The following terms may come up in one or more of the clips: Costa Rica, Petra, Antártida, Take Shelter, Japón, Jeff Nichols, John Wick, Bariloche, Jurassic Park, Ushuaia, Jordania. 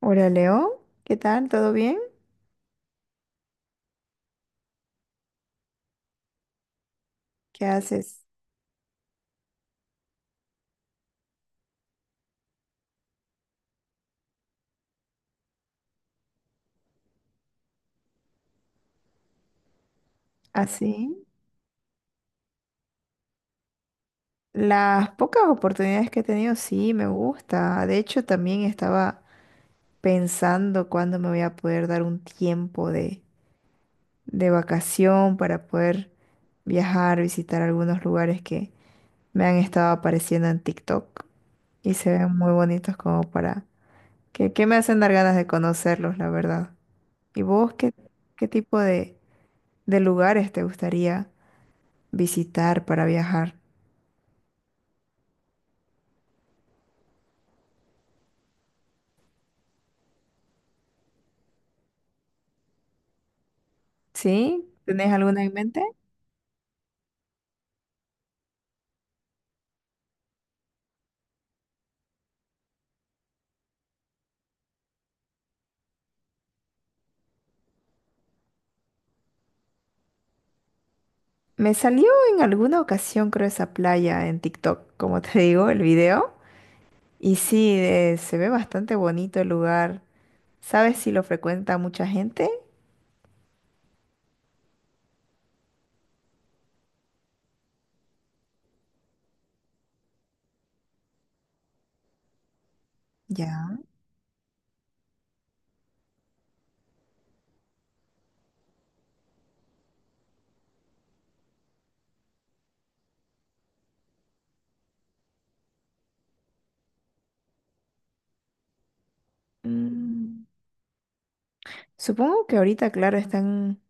Hola Leo, ¿qué tal? ¿Todo bien? ¿Qué haces? Así. Las pocas oportunidades que he tenido, sí, me gusta. De hecho, también estaba pensando cuándo me voy a poder dar un tiempo de vacación para poder viajar, visitar algunos lugares que me han estado apareciendo en TikTok y se ven muy bonitos como para que me hacen dar ganas de conocerlos, la verdad. ¿Y vos qué, qué tipo de lugares te gustaría visitar para viajar? ¿Sí? ¿Tenés alguna en mente? Me salió en alguna ocasión, creo, esa playa en TikTok, como te digo, el video. Y sí, se ve bastante bonito el lugar. ¿Sabes si lo frecuenta mucha gente? Ya. Mm, Supongo que ahorita, claro, están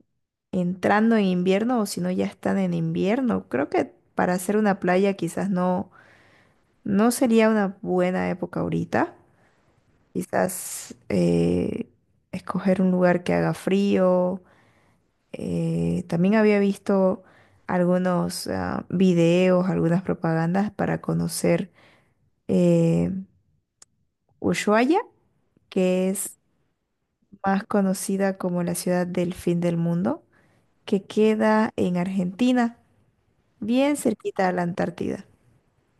entrando en invierno o si no ya están en invierno. Creo que para hacer una playa quizás no, no sería una buena época ahorita. Quizás escoger un lugar que haga frío. También había visto algunos videos, algunas propagandas para conocer eh, Ushuaia, que es más conocida como la ciudad del fin del mundo, que queda en Argentina, bien cerquita a la Antártida.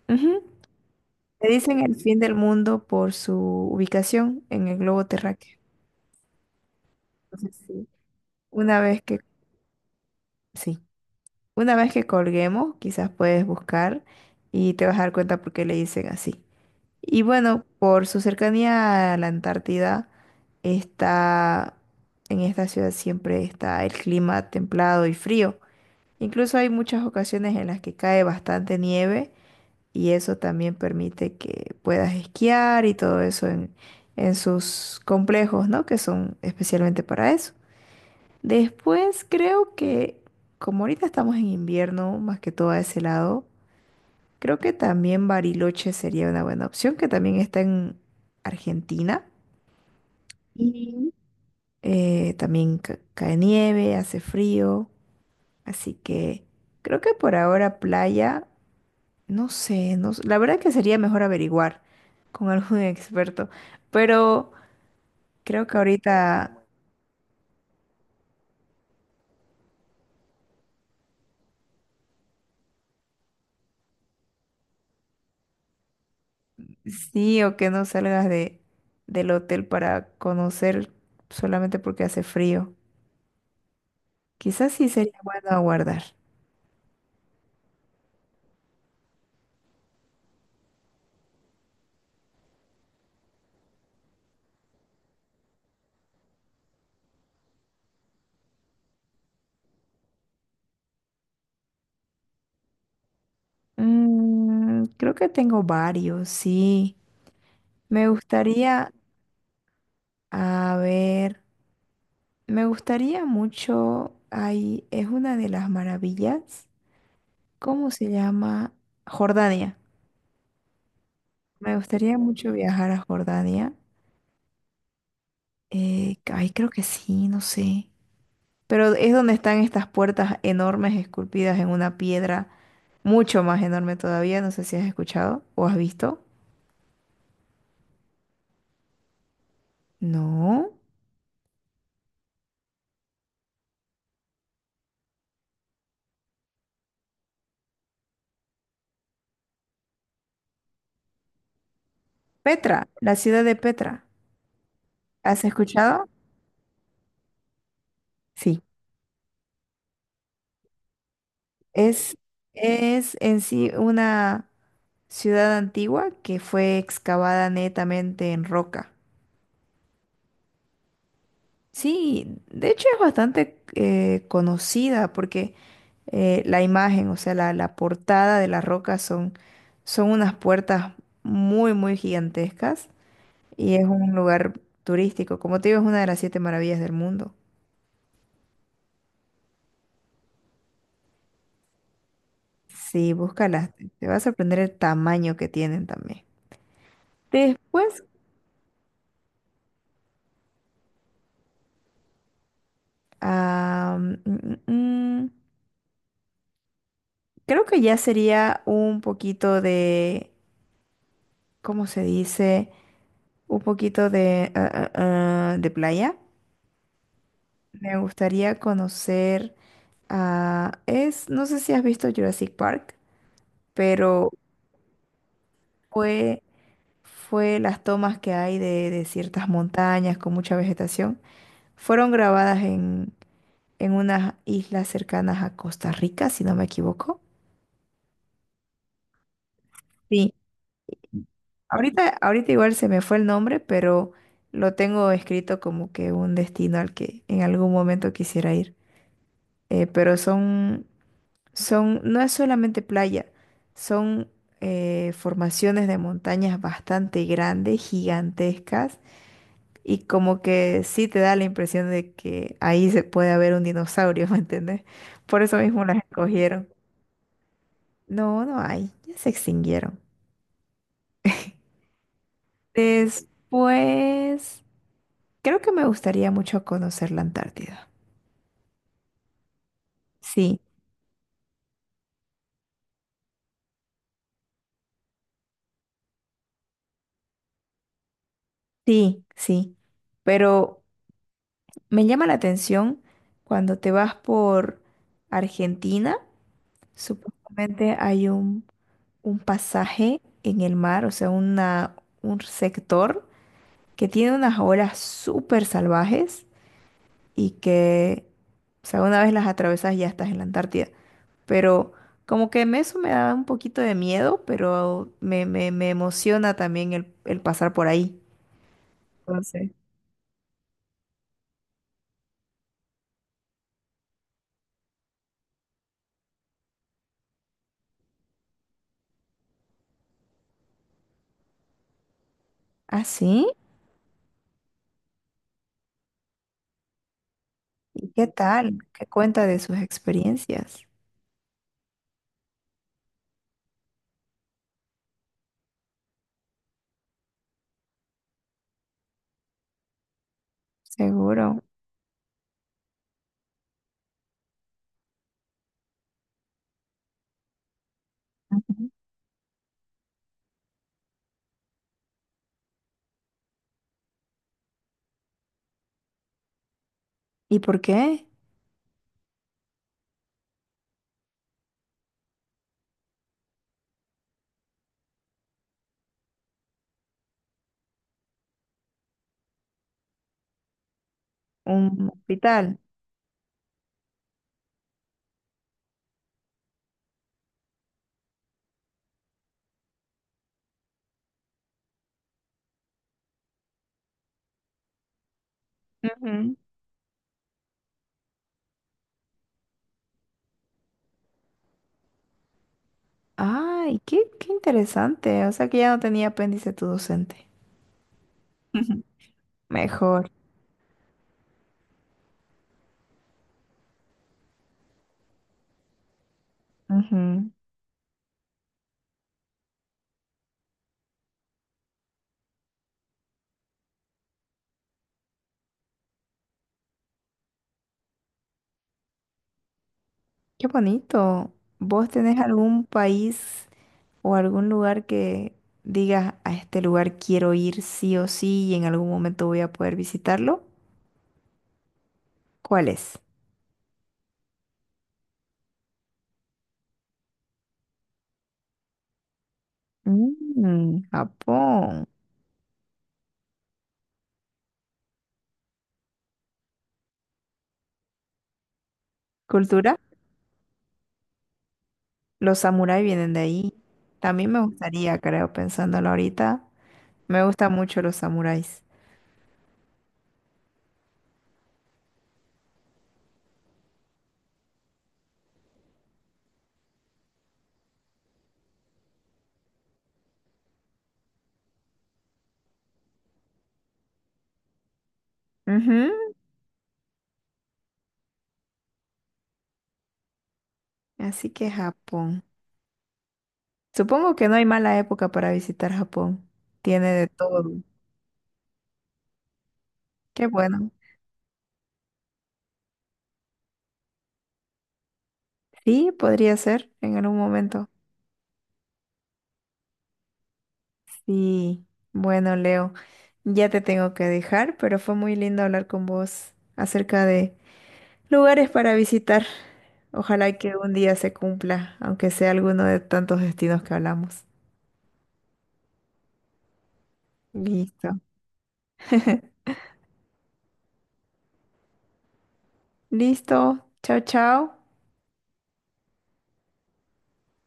Ujú. Le dicen el fin del mundo por su ubicación en el globo terráqueo. Entonces, sí, una vez que... sí. Una vez que colguemos, quizás puedes buscar y te vas a dar cuenta por qué le dicen así. Y bueno, por su cercanía a la Antártida, está, en esta ciudad siempre está el clima templado y frío. Incluso hay muchas ocasiones en las que cae bastante nieve y eso también permite que puedas esquiar y todo eso en sus complejos, ¿no? Que son especialmente para eso. Después creo que, como ahorita estamos en invierno, más que todo a ese lado, creo que también Bariloche sería una buena opción, que también está en Argentina. y También cae nieve, hace frío, así que creo que por ahora playa, no sé, no, s- la verdad que sería mejor averiguar con algún experto, pero creo que ahorita sí, o que no salgas del hotel para conocer solamente porque hace frío. Quizás sí sería bueno aguardar. Mm, creo que tengo varios, sí. Me gustaría, a ver, me gustaría mucho, ahí es una de las maravillas, ¿cómo se llama? Jordania. Me gustaría mucho viajar a Jordania. Ay, creo que sí, no sé. Pero es donde están estas puertas enormes esculpidas en una piedra mucho más enorme todavía. No sé si has escuchado o has visto. No. Petra, la ciudad de Petra. ¿Has escuchado? Sí. Es, es en sí una ciudad antigua que fue excavada netamente en roca. Sí, de hecho es bastante conocida porque la imagen, o sea, la portada de la roca son unas puertas muy, muy gigantescas y es un lugar turístico. Como te digo, es una de las siete maravillas del mundo. Sí, búscalas, te va a sorprender el tamaño que tienen también. Después, ah, mm, mm, mm, creo que ya sería un poquito de, ¿cómo se dice? Un poquito de, de playa. Me gustaría conocer no sé si has visto Jurassic Park, pero fue, fue las tomas que hay de ciertas montañas con mucha vegetación. Fueron grabadas en unas islas cercanas a Costa Rica, si no me equivoco. Sí, ahorita, ahorita igual se me fue el nombre, pero lo tengo escrito como que un destino al que en algún momento quisiera ir. Eh, pero son no es solamente playa, son formaciones de montañas bastante grandes, gigantescas, y como que sí te da la impresión de que ahí se puede haber un dinosaurio, ¿me entiendes? Por eso mismo las escogieron. No, no hay, ya se extinguieron. Después, creo que me gustaría mucho conocer la Antártida. Sí, sí. Pero me llama la atención cuando te vas por Argentina. Supuestamente hay un pasaje en el mar, o sea, un sector que tiene unas olas súper salvajes y que, o sea, una vez las atravesas ya estás en la Antártida. Pero como que eso me da un poquito de miedo, pero me emociona también el pasar por ahí. Entonces, ¿ah, sí? ¿Y qué tal? ¿Qué cuenta de sus experiencias? Seguro. Ujú. ¿Y por qué? Un hospital. Ay, qué interesante. O sea que ya no tenía apéndice tu docente. Ujú. Mejor. Ujú. Qué bonito. ¿Vos tenés algún país o algún lugar que digas a este lugar quiero ir sí o sí y en algún momento voy a poder visitarlo? ¿Cuál es? Mm, Japón. ¿Cultura? Los samuráis vienen de ahí. También me gustaría, creo, pensándolo ahorita. Me gustan mucho los samuráis. Ujú. Así que Japón. Supongo que no hay mala época para visitar Japón. Tiene de todo. Qué bueno. Sí, podría ser en algún momento. Sí. Bueno, Leo, ya te tengo que dejar, pero fue muy lindo hablar con vos acerca de lugares para visitar. Ojalá que un día se cumpla, aunque sea alguno de tantos destinos que hablamos. Listo. Listo. Chao, chao.